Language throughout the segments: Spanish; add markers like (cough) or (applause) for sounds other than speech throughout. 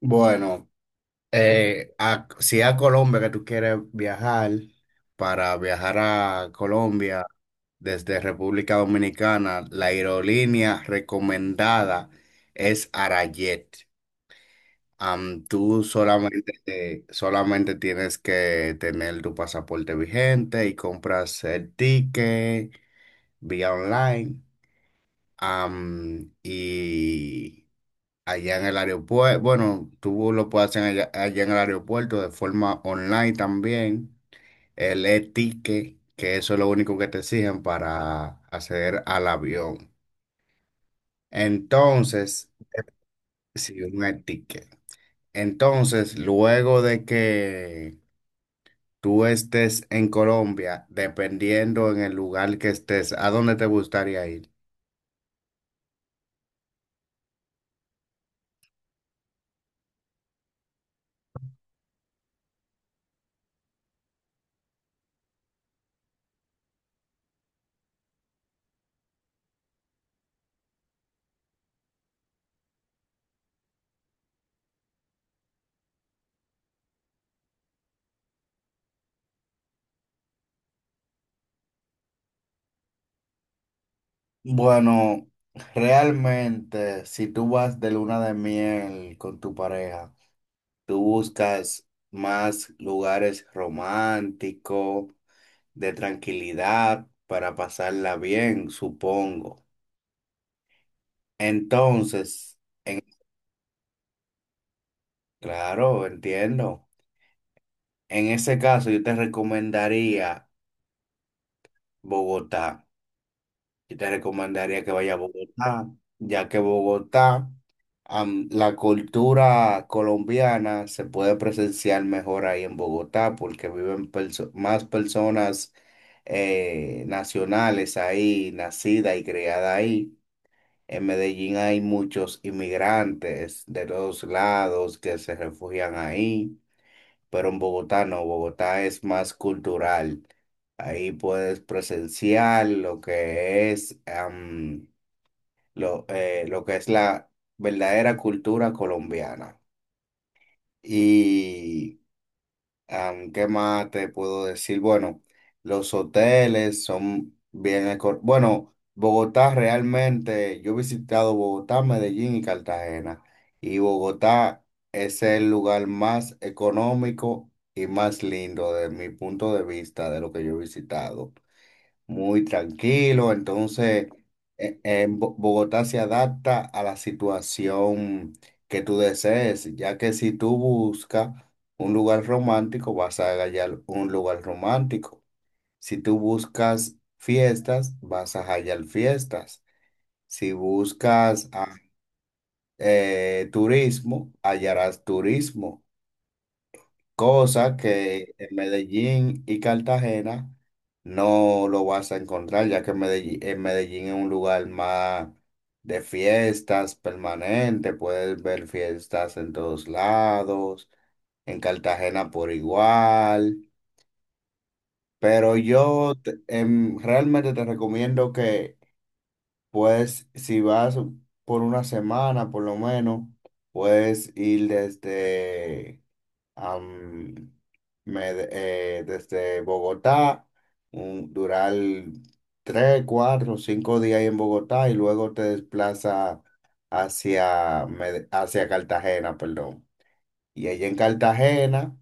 Bueno, si a Colombia que tú quieres viajar, para viajar a Colombia desde República Dominicana, la aerolínea recomendada es Arayet. Tú solamente, solamente tienes que tener tu pasaporte vigente y compras el ticket vía online. Y allá en el aeropuerto. Bueno, tú lo puedes hacer allá en el aeropuerto de forma online también. El e-ticket, que eso es lo único que te exigen para acceder al avión. Entonces, sí, un e-ticket. Entonces, luego de que tú estés en Colombia, dependiendo en el lugar que estés, ¿a dónde te gustaría ir? Bueno, realmente, si tú vas de luna de miel con tu pareja, tú buscas más lugares románticos, de tranquilidad, para pasarla bien, supongo. Entonces, claro, entiendo. En ese caso, yo te recomendaría Bogotá. Yo te recomendaría que vaya a Bogotá, ya que Bogotá, la cultura colombiana se puede presenciar mejor ahí en Bogotá porque más personas nacionales ahí, nacidas y criadas ahí. En Medellín hay muchos inmigrantes de todos lados que se refugian ahí, pero en Bogotá no, Bogotá es más cultural. Ahí puedes presenciar lo que es, lo que es la verdadera cultura colombiana. Y ¿Qué más te puedo decir? Bueno, los hoteles son bien... Bueno, Bogotá realmente, yo he visitado Bogotá, Medellín y Cartagena. Y Bogotá es el lugar más económico y más lindo de mi punto de vista de lo que yo he visitado, muy tranquilo. Entonces, Bogotá se adapta a la situación que tú desees, ya que si tú buscas un lugar romántico, vas a hallar un lugar romántico. Si tú buscas fiestas, vas a hallar fiestas. Si buscas turismo, hallarás turismo, cosa que en Medellín y Cartagena no lo vas a encontrar, ya que en Medellín es un lugar más de fiestas permanente, puedes ver fiestas en todos lados, en Cartagena por igual, pero realmente te recomiendo que, pues si vas por una semana por lo menos, puedes ir desde am, me de- desde Bogotá, durar tres, cuatro, cinco días ahí en Bogotá y luego te desplaza hacia, hacia Cartagena, perdón. Y allá en Cartagena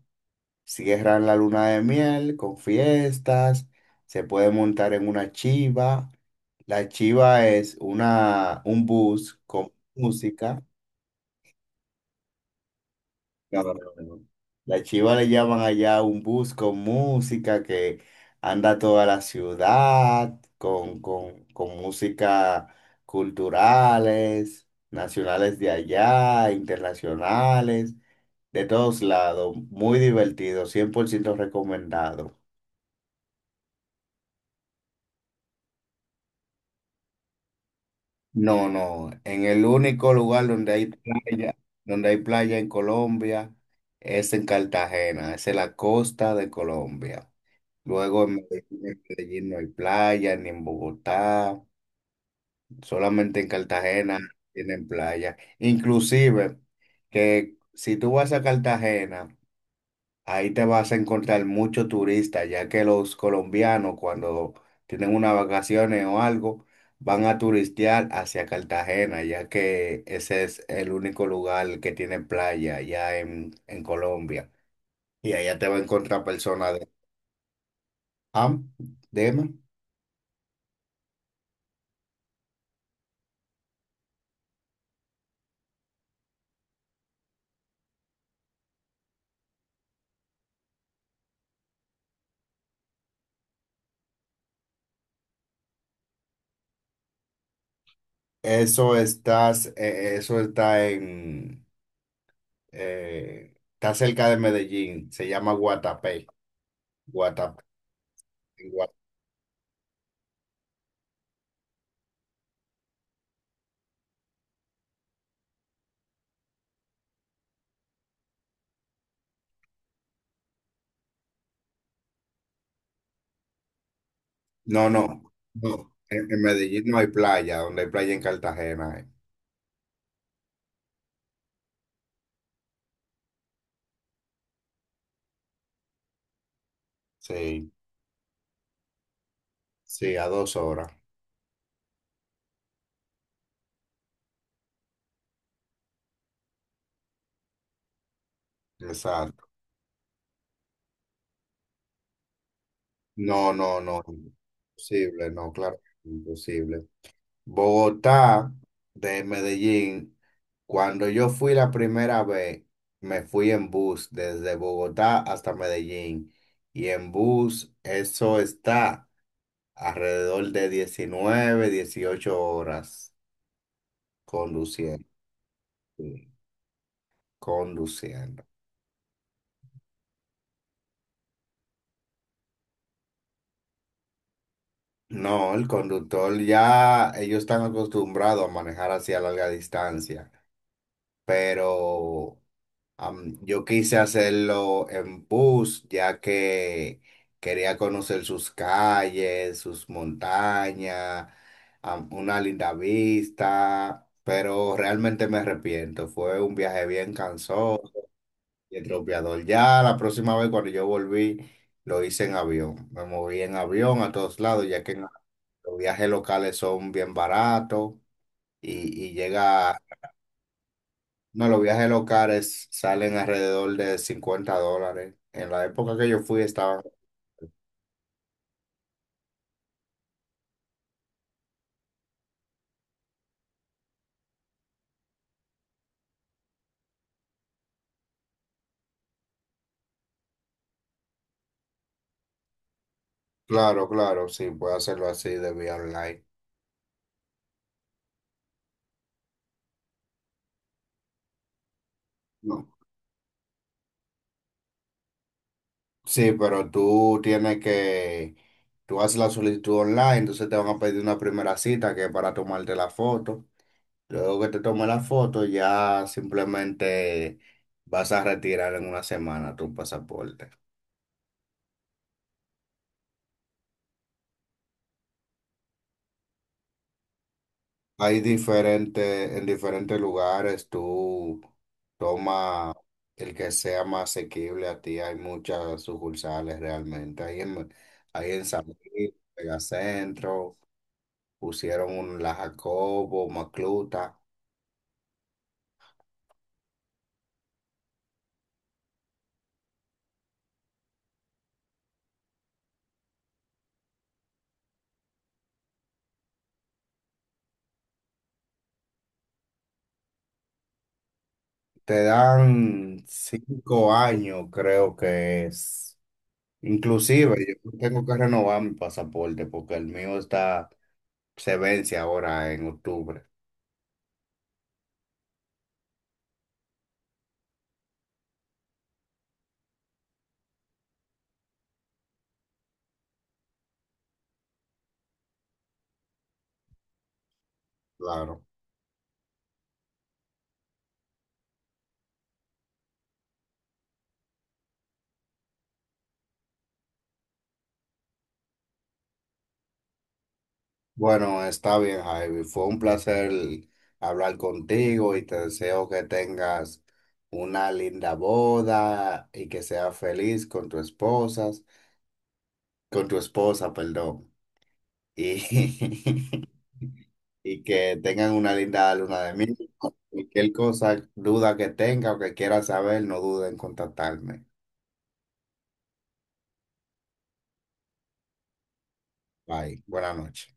cierran la luna de miel con fiestas, se puede montar en una chiva. La chiva es un bus con música. No, no, no, no. La chiva le llaman allá un bus con música que anda toda la ciudad, con música culturales, nacionales de allá, internacionales, de todos lados. Muy divertido, 100% recomendado. No, no, en el único lugar donde hay playa en Colombia es en Cartagena, es en la costa de Colombia. Luego en Medellín no hay playa, ni en Bogotá, solamente en Cartagena tienen playa. Inclusive que si tú vas a Cartagena, ahí te vas a encontrar muchos turistas, ya que los colombianos cuando tienen unas vacaciones o algo, van a turistear hacia Cartagena, ya que ese es el único lugar que tiene playa ya en Colombia. Y allá te va a encontrar personas de... Ah, dime. Eso está está cerca de Medellín, se llama Guatapé. Guatapé. en Gua- No, no, no. En Medellín no hay playa, donde hay playa en Cartagena. Eh. Sí, sí, a dos horas. Exacto. No, no, no. Imposible, no, claro, imposible. Bogotá de Medellín. Cuando yo fui la primera vez, me fui en bus desde Bogotá hasta Medellín. Y en bus, eso está alrededor de 19, 18 horas conduciendo. Sí, conduciendo. No, el conductor ya, ellos están acostumbrados a manejar hacia larga distancia, pero yo quise hacerlo en bus, ya que quería conocer sus calles, sus montañas, una linda vista, pero realmente me arrepiento. Fue un viaje bien cansón y atropellador. Ya la próxima vez cuando yo volví, lo hice en avión. Me moví en avión a todos lados, ya que los viajes locales son bien baratos y llega... No, los viajes locales salen alrededor de $50. En la época que yo fui estaban... Claro, claro, sí, puedo hacerlo así de vía online. No. Sí, pero tú tienes que... Tú haces la solicitud online, entonces te van a pedir una primera cita que es para tomarte la foto. Luego que te tome la foto, ya simplemente vas a retirar en una semana tu pasaporte. Hay diferentes, en diferentes lugares tú toma el que sea más asequible a ti. Hay muchas sucursales realmente. Ahí en San Luis, Megacentro, pusieron un La Jacobo, Macluta. Te dan 5 años, creo que es. Inclusive yo tengo que renovar mi pasaporte porque el mío está, se vence ahora en octubre. Claro. Bueno, está bien, Javi. Fue un placer hablar contigo y te deseo que tengas una linda boda y que seas feliz con tu esposa, perdón. Y, (laughs) y que tengan una linda luna de miel. Cualquier cosa, duda que tenga o que quiera saber, no dude en contactarme. Bye. Buenas noches.